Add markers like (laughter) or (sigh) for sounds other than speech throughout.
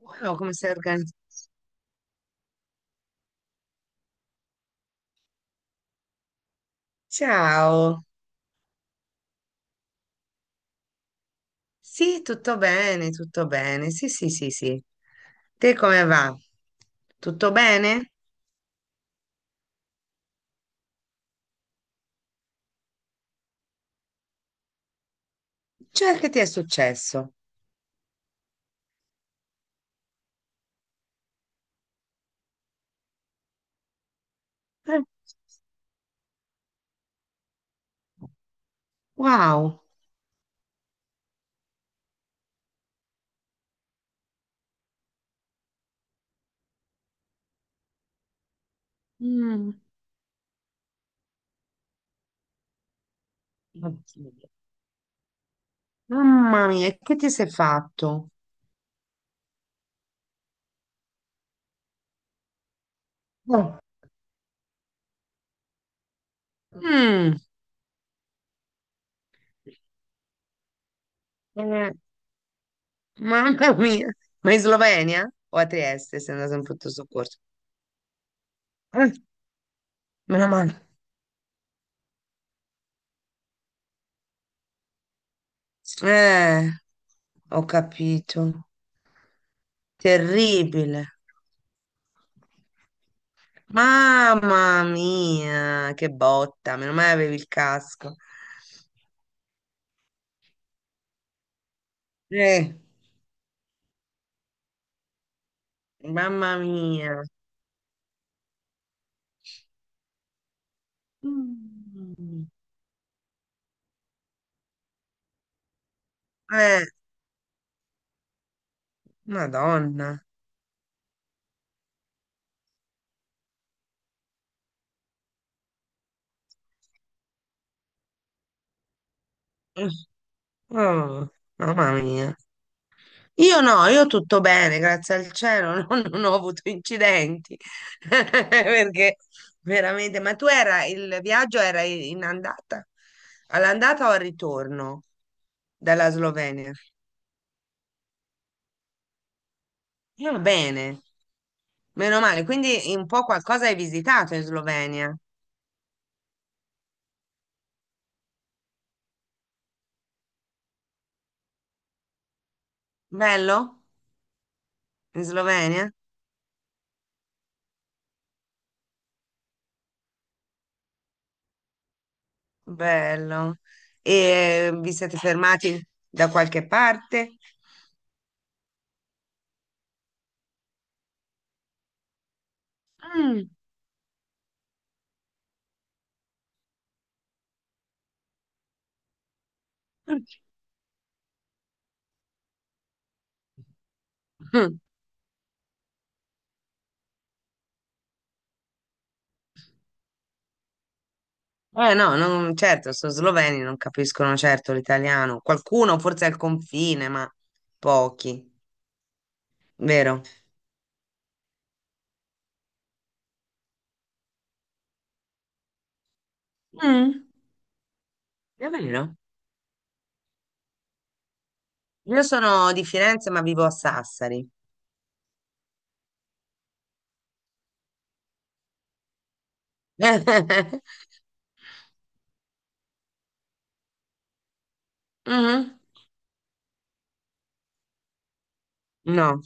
Wow, come sei organizzata? Ciao. Sì, tutto bene, tutto bene. Sì, sì, sì, sì. Te come va? Tutto bene? Cioè, che ti è successo? Eh, wow. Mm. Mamma mia, e che ti sei fatto? Oh. Mm. Eh, mamma mia. Ma in Slovenia o a Trieste sei andato in pronto soccorso? Eh, meno male. Eh, ho capito. Terribile. Mamma mia, che botta, meno male avevi il casco. Eh, mamma mia. Mm. Eh, Madonna. Eh, Oh, mamma mia. Io no, io tutto bene, grazie al cielo, (laughs) non ho avuto incidenti. (laughs) Perché veramente, ma tu era il viaggio era in andata? All'andata o al ritorno dalla Slovenia? E va bene, meno male. Quindi un po' qualcosa hai visitato in Slovenia. Bello? In Slovenia? Bello. E vi siete fermati da qualche parte? Mm. (laughs) Mm. Eh no, certo, sono sloveni, non capiscono certo l'italiano. Qualcuno forse al confine, ma pochi, vero? Mm, è vero. Io sono di Firenze, ma vivo a Sassari. (laughs) Mhm. No.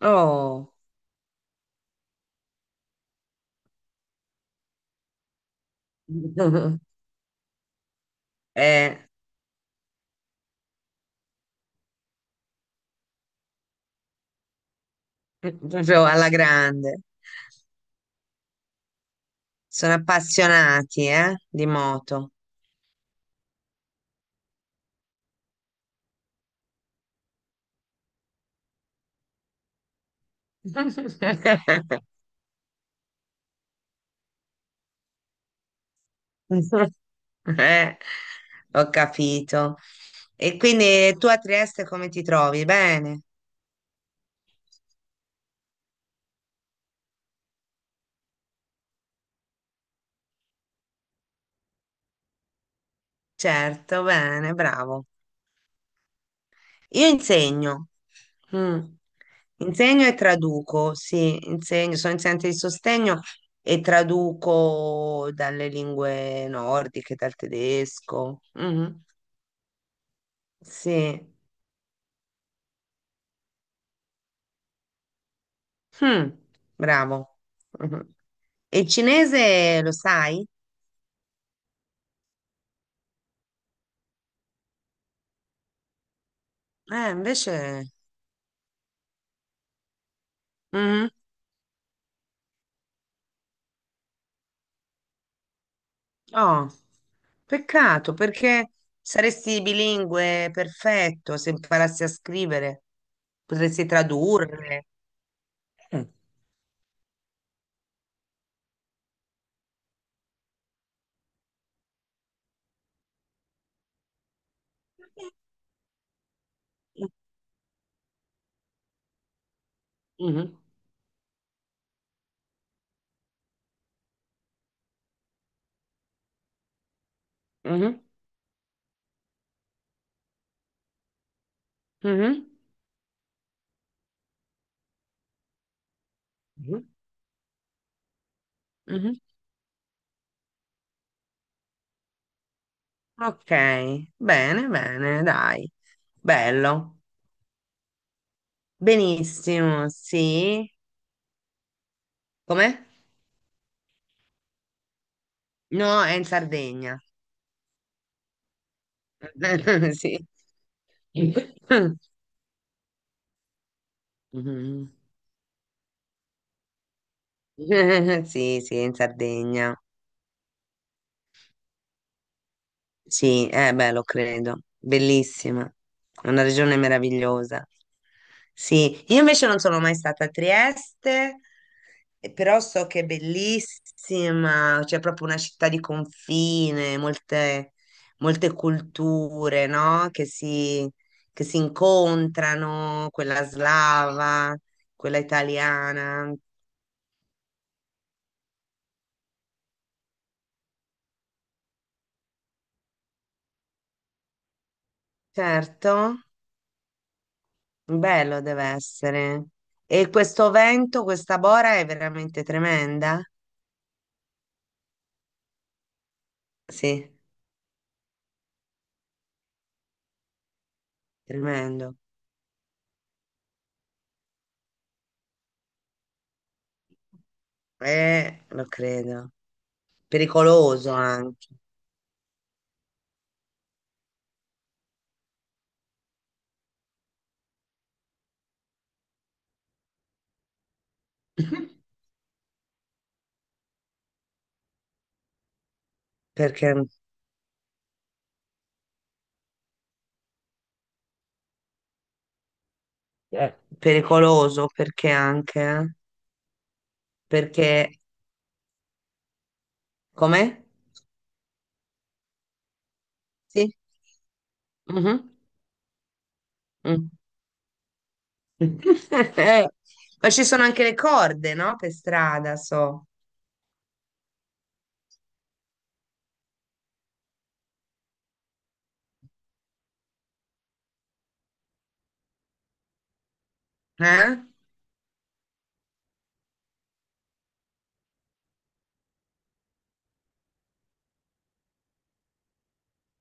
Oh. (laughs) Eh, proprio alla grande. Sono appassionati, di moto. (laughs) Eh, ho capito. E quindi tu a Trieste come ti trovi? Bene, certo, bene, bravo. Io insegno. Mm. Insegno e traduco, sì, insegno, sono insegnante di sostegno e traduco dalle lingue nordiche, dal tedesco. Mhm. Sì. Mm, bravo. Mhm. E il cinese lo sai? Invece... Mhm. Oh, peccato, perché saresti bilingue perfetto se imparassi a scrivere. Potresti tradurre. Mm. Mhm. Mhm. Mhm. Mhm. Mhm. Ok, bene, bene, dai. Bello. Benissimo, sì. Com'è? No, è in Sardegna. (laughs) Sì. Mhm. (laughs) Sì, sì, in Sardegna. Sì, eh beh, lo credo. Bellissima. È una regione meravigliosa. Sì, io invece non sono mai stata a Trieste, però so che è bellissima, c'è proprio una città di confine, molte, molte culture, no? Che si incontrano, quella slava, quella italiana. Certo, bello deve essere. E questo vento, questa bora è veramente tremenda? Sì, tremendo. Lo credo. Pericoloso anche. (laughs) Perché pericoloso perché anche eh? Perché com'è? Sì. Mhm. Mm. (laughs) Eh, Ma ci sono anche le corde, no? Per strada, so. Eh?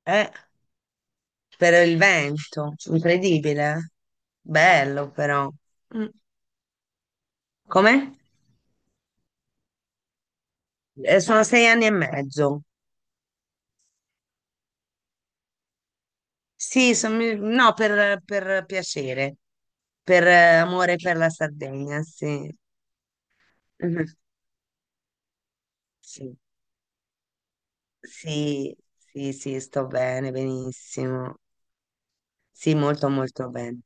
Eh, per il vento, incredibile. Bello però. Mm. Come? Sono 6 anni e mezzo. Sì, no, per piacere, per amore per la Sardegna, sì. Mhm. Sì, sì, sì, sì, sto bene, benissimo. Sì, molto, molto bene.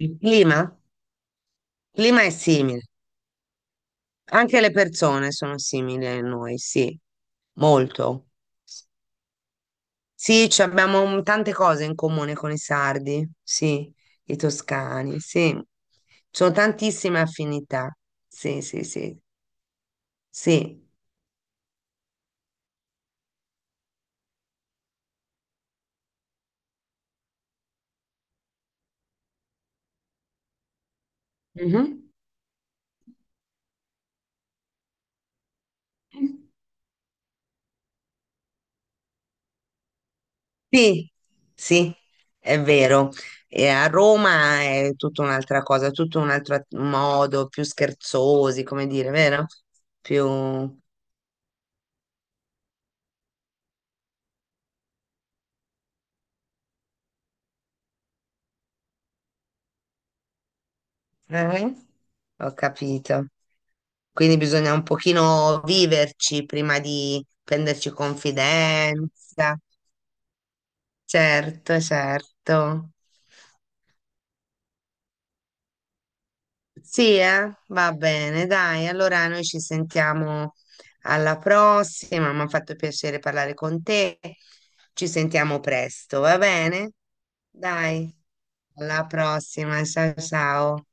Il clima? Il clima è simile. Anche le persone sono simili a noi, sì, molto. Sì, ci abbiamo tante cose in comune con i sardi, sì, i toscani, sì. Ci sono tantissime affinità. Sì, sì, sì, sì. Mhm. Sì, sì, è vero. E a Roma è tutta un'altra cosa, tutto un altro modo, più scherzosi, come dire, vero? Più Eh? Ho capito. Quindi bisogna un pochino viverci prima di prenderci confidenza. Certo, certo. Sì, eh? Va bene, dai. Allora noi ci sentiamo alla prossima. Mi ha fatto piacere parlare con te. Ci sentiamo presto, va bene? Dai, alla prossima. Ciao, ciao.